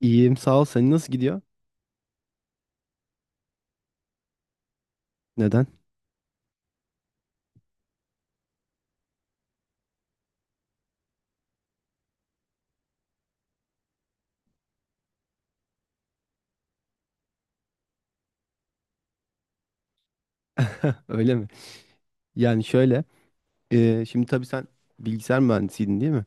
İyiyim sağ ol. Senin nasıl gidiyor? Neden? Öyle mi? Yani şöyle. Şimdi tabii sen bilgisayar mühendisiydin değil mi?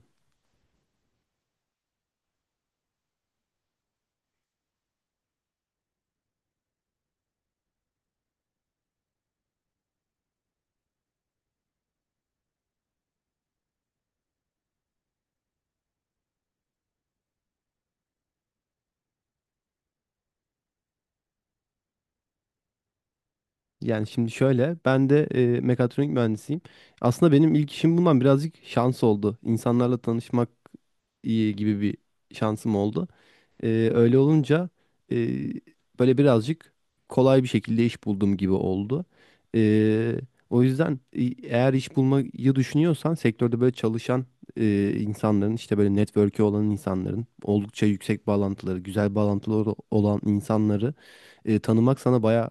Yani şimdi şöyle. Ben de mekatronik mühendisiyim. Aslında benim ilk işim bundan birazcık şans oldu. İnsanlarla tanışmak iyi gibi bir şansım oldu. Ee, öyle olunca e, böyle birazcık kolay bir şekilde iş buldum gibi oldu. Ee, o yüzden eğer iş bulmayı düşünüyorsan sektörde böyle çalışan insanların, işte böyle network'ü olan insanların, oldukça yüksek bağlantıları, güzel bağlantıları olan insanları tanımak sana bayağı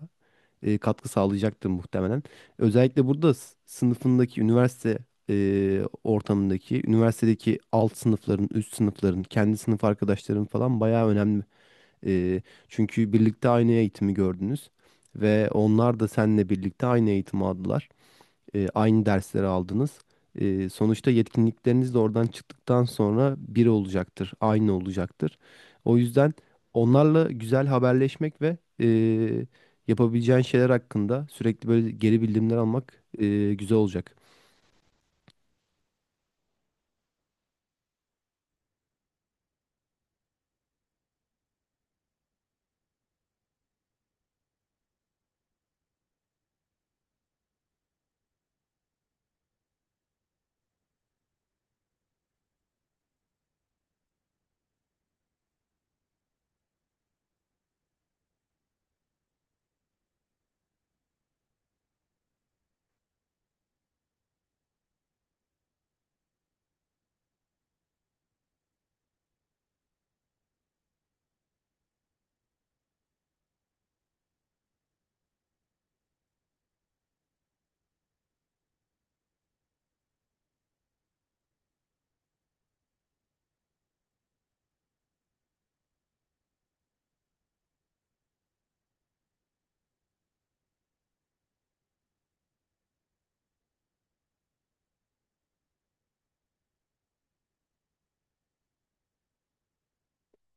katkı sağlayacaktır muhtemelen. Özellikle burada sınıfındaki, üniversite ortamındaki, üniversitedeki alt sınıfların, üst sınıfların, kendi sınıf arkadaşların falan bayağı önemli. E, çünkü birlikte aynı eğitimi gördünüz ve onlar da seninle birlikte aynı eğitimi aldılar, aynı dersleri aldınız. Sonuçta yetkinlikleriniz de oradan çıktıktan sonra bir olacaktır, aynı olacaktır. O yüzden onlarla güzel haberleşmek ve yapabileceğin şeyler hakkında sürekli böyle geri bildirimler almak güzel olacak.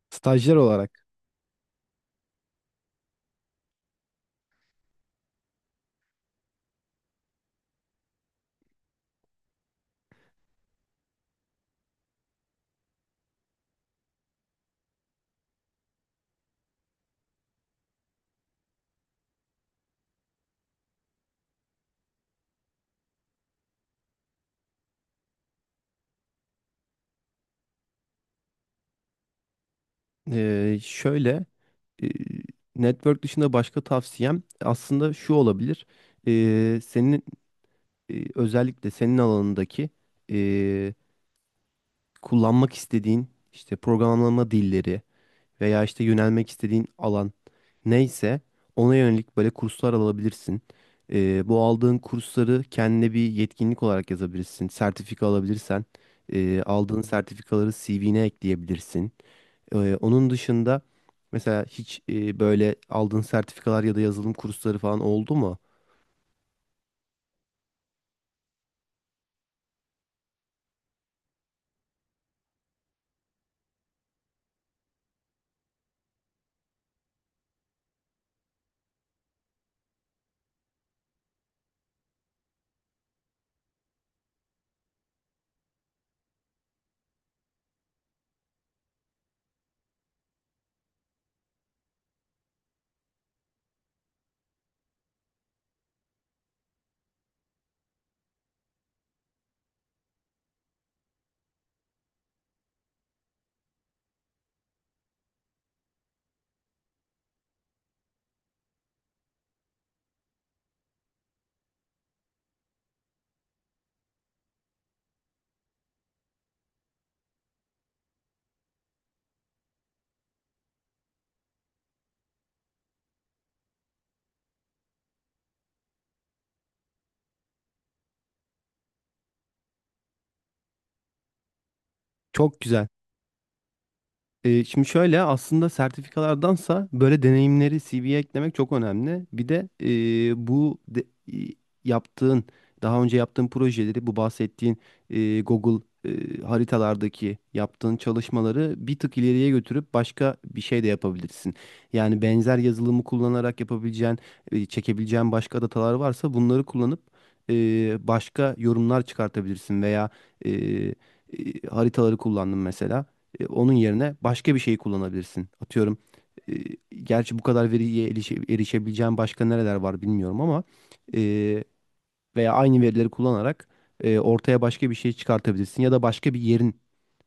Stajyer olarak. Şöyle, e, network dışında başka tavsiyem aslında şu olabilir. Senin özellikle senin alanındaki e, kullanmak istediğin işte programlama dilleri veya işte yönelmek istediğin alan neyse ona yönelik böyle kurslar alabilirsin. Bu aldığın kursları kendine bir yetkinlik olarak yazabilirsin. Sertifika alabilirsen aldığın sertifikaları CV'ne ekleyebilirsin. Onun dışında mesela hiç böyle aldığın sertifikalar ya da yazılım kursları falan oldu mu? Çok güzel. Şimdi şöyle, aslında sertifikalardansa böyle deneyimleri CV'ye eklemek çok önemli. Bir de e, bu de- e, yaptığın daha önce yaptığın projeleri, bu bahsettiğin Google haritalardaki yaptığın çalışmaları bir tık ileriye götürüp başka bir şey de yapabilirsin. Yani benzer yazılımı kullanarak yapabileceğin, çekebileceğin başka datalar varsa bunları kullanıp e, başka yorumlar çıkartabilirsin veya e, e, haritaları kullandım mesela. Onun yerine başka bir şey kullanabilirsin. Atıyorum, e, gerçi bu kadar veriye erişebileceğin başka nereler var bilmiyorum ama e, veya aynı verileri kullanarak ortaya başka bir şey çıkartabilirsin ya da başka bir yerin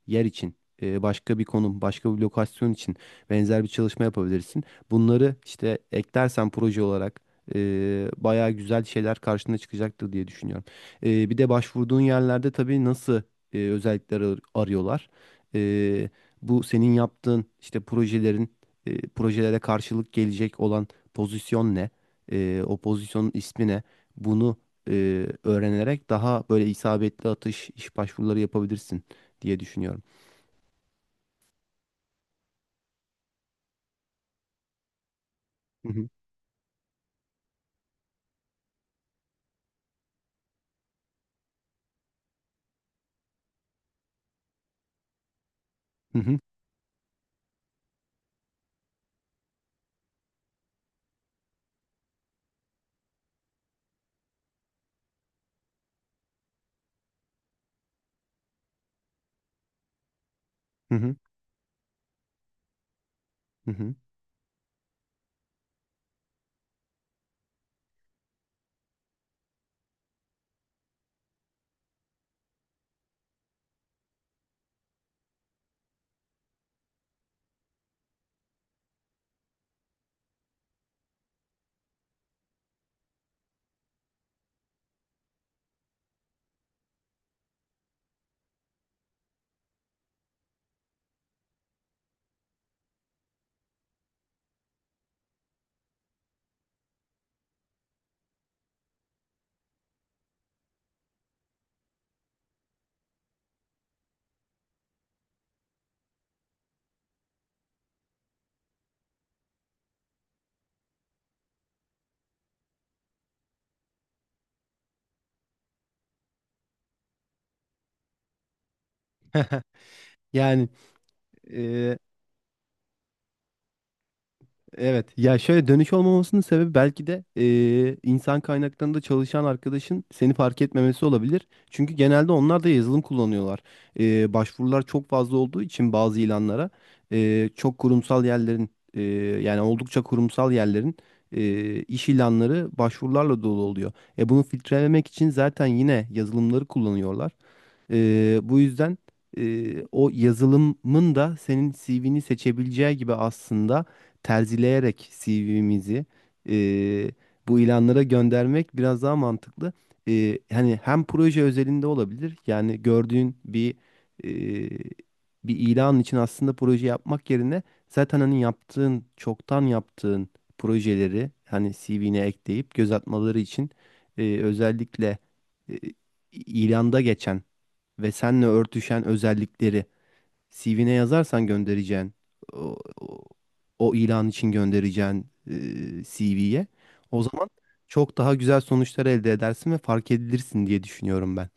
yer için, başka bir konum, başka bir lokasyon için benzer bir çalışma yapabilirsin. Bunları işte eklersen proje olarak bayağı güzel şeyler karşına çıkacaktır diye düşünüyorum. Bir de başvurduğun yerlerde tabii nasıl özellikler arıyorlar. E, bu senin yaptığın işte projelere karşılık gelecek olan pozisyon ne? O pozisyonun ismi ne? Bunu öğrenerek daha böyle isabetli atış iş başvuruları yapabilirsin diye düşünüyorum. Hı hı. Hı hı. Hı hı. Hı hı. Yani e, evet, ya şöyle, dönüş olmamasının sebebi belki de insan kaynaklarında çalışan arkadaşın seni fark etmemesi olabilir. Çünkü genelde onlar da yazılım kullanıyorlar. Başvurular çok fazla olduğu için bazı ilanlara, çok kurumsal yerlerin, yani oldukça kurumsal yerlerin iş ilanları başvurularla dolu oluyor. Bunu filtrelemek için zaten yine yazılımları kullanıyorlar. Bu yüzden o yazılımın da senin CV'ni seçebileceği gibi, aslında terzileyerek CV'mizi e, bu ilanlara göndermek biraz daha mantıklı. Hani hem proje özelinde olabilir, yani gördüğün e, bir ilan için aslında proje yapmak yerine zaten hani çoktan yaptığın projeleri hani CV'ne ekleyip göz atmaları için özellikle e, ilanda geçen ve seninle örtüşen özellikleri CV'ne yazarsan, göndereceğin o, o, o ilan için göndereceğin CV'ye o zaman çok daha güzel sonuçlar elde edersin ve fark edilirsin diye düşünüyorum ben.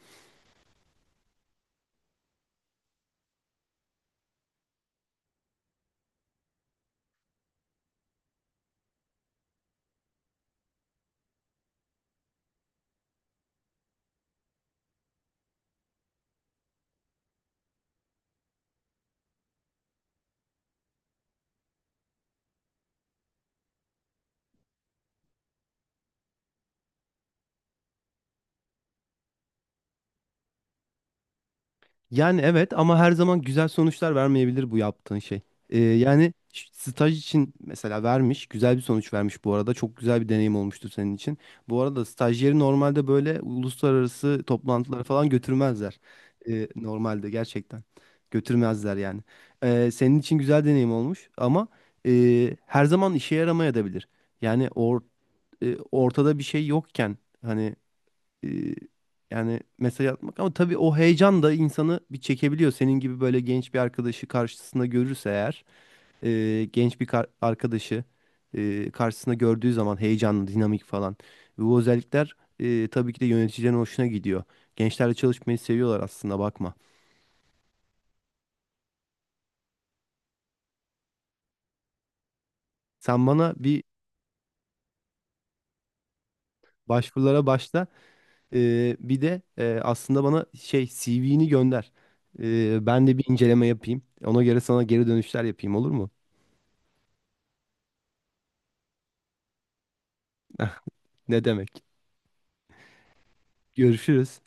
Yani evet, ama her zaman güzel sonuçlar vermeyebilir bu yaptığın şey. Yani staj için mesela vermiş, güzel bir sonuç vermiş bu arada. Çok güzel bir deneyim olmuştur senin için. Bu arada stajyeri normalde böyle uluslararası toplantılara falan götürmezler. Normalde gerçekten götürmezler yani. Senin için güzel deneyim olmuş ama her zaman işe yaramayabilir. Yani ortada bir şey yokken hani, e, yani mesaj atmak, ama tabii o heyecan da insanı bir çekebiliyor. Senin gibi böyle genç bir arkadaşı karşısında görürse eğer, genç bir arkadaşı karşısında gördüğü zaman, heyecanlı, dinamik falan. Ve bu özellikler tabii ki de yöneticilerin hoşuna gidiyor. Gençlerle çalışmayı seviyorlar aslında bakma. Sen bana bir başvurulara başla, bir de aslında bana şey CV'ni gönder. Ben de bir inceleme yapayım. Ona göre sana geri dönüşler yapayım, olur mu? Ne demek? Görüşürüz.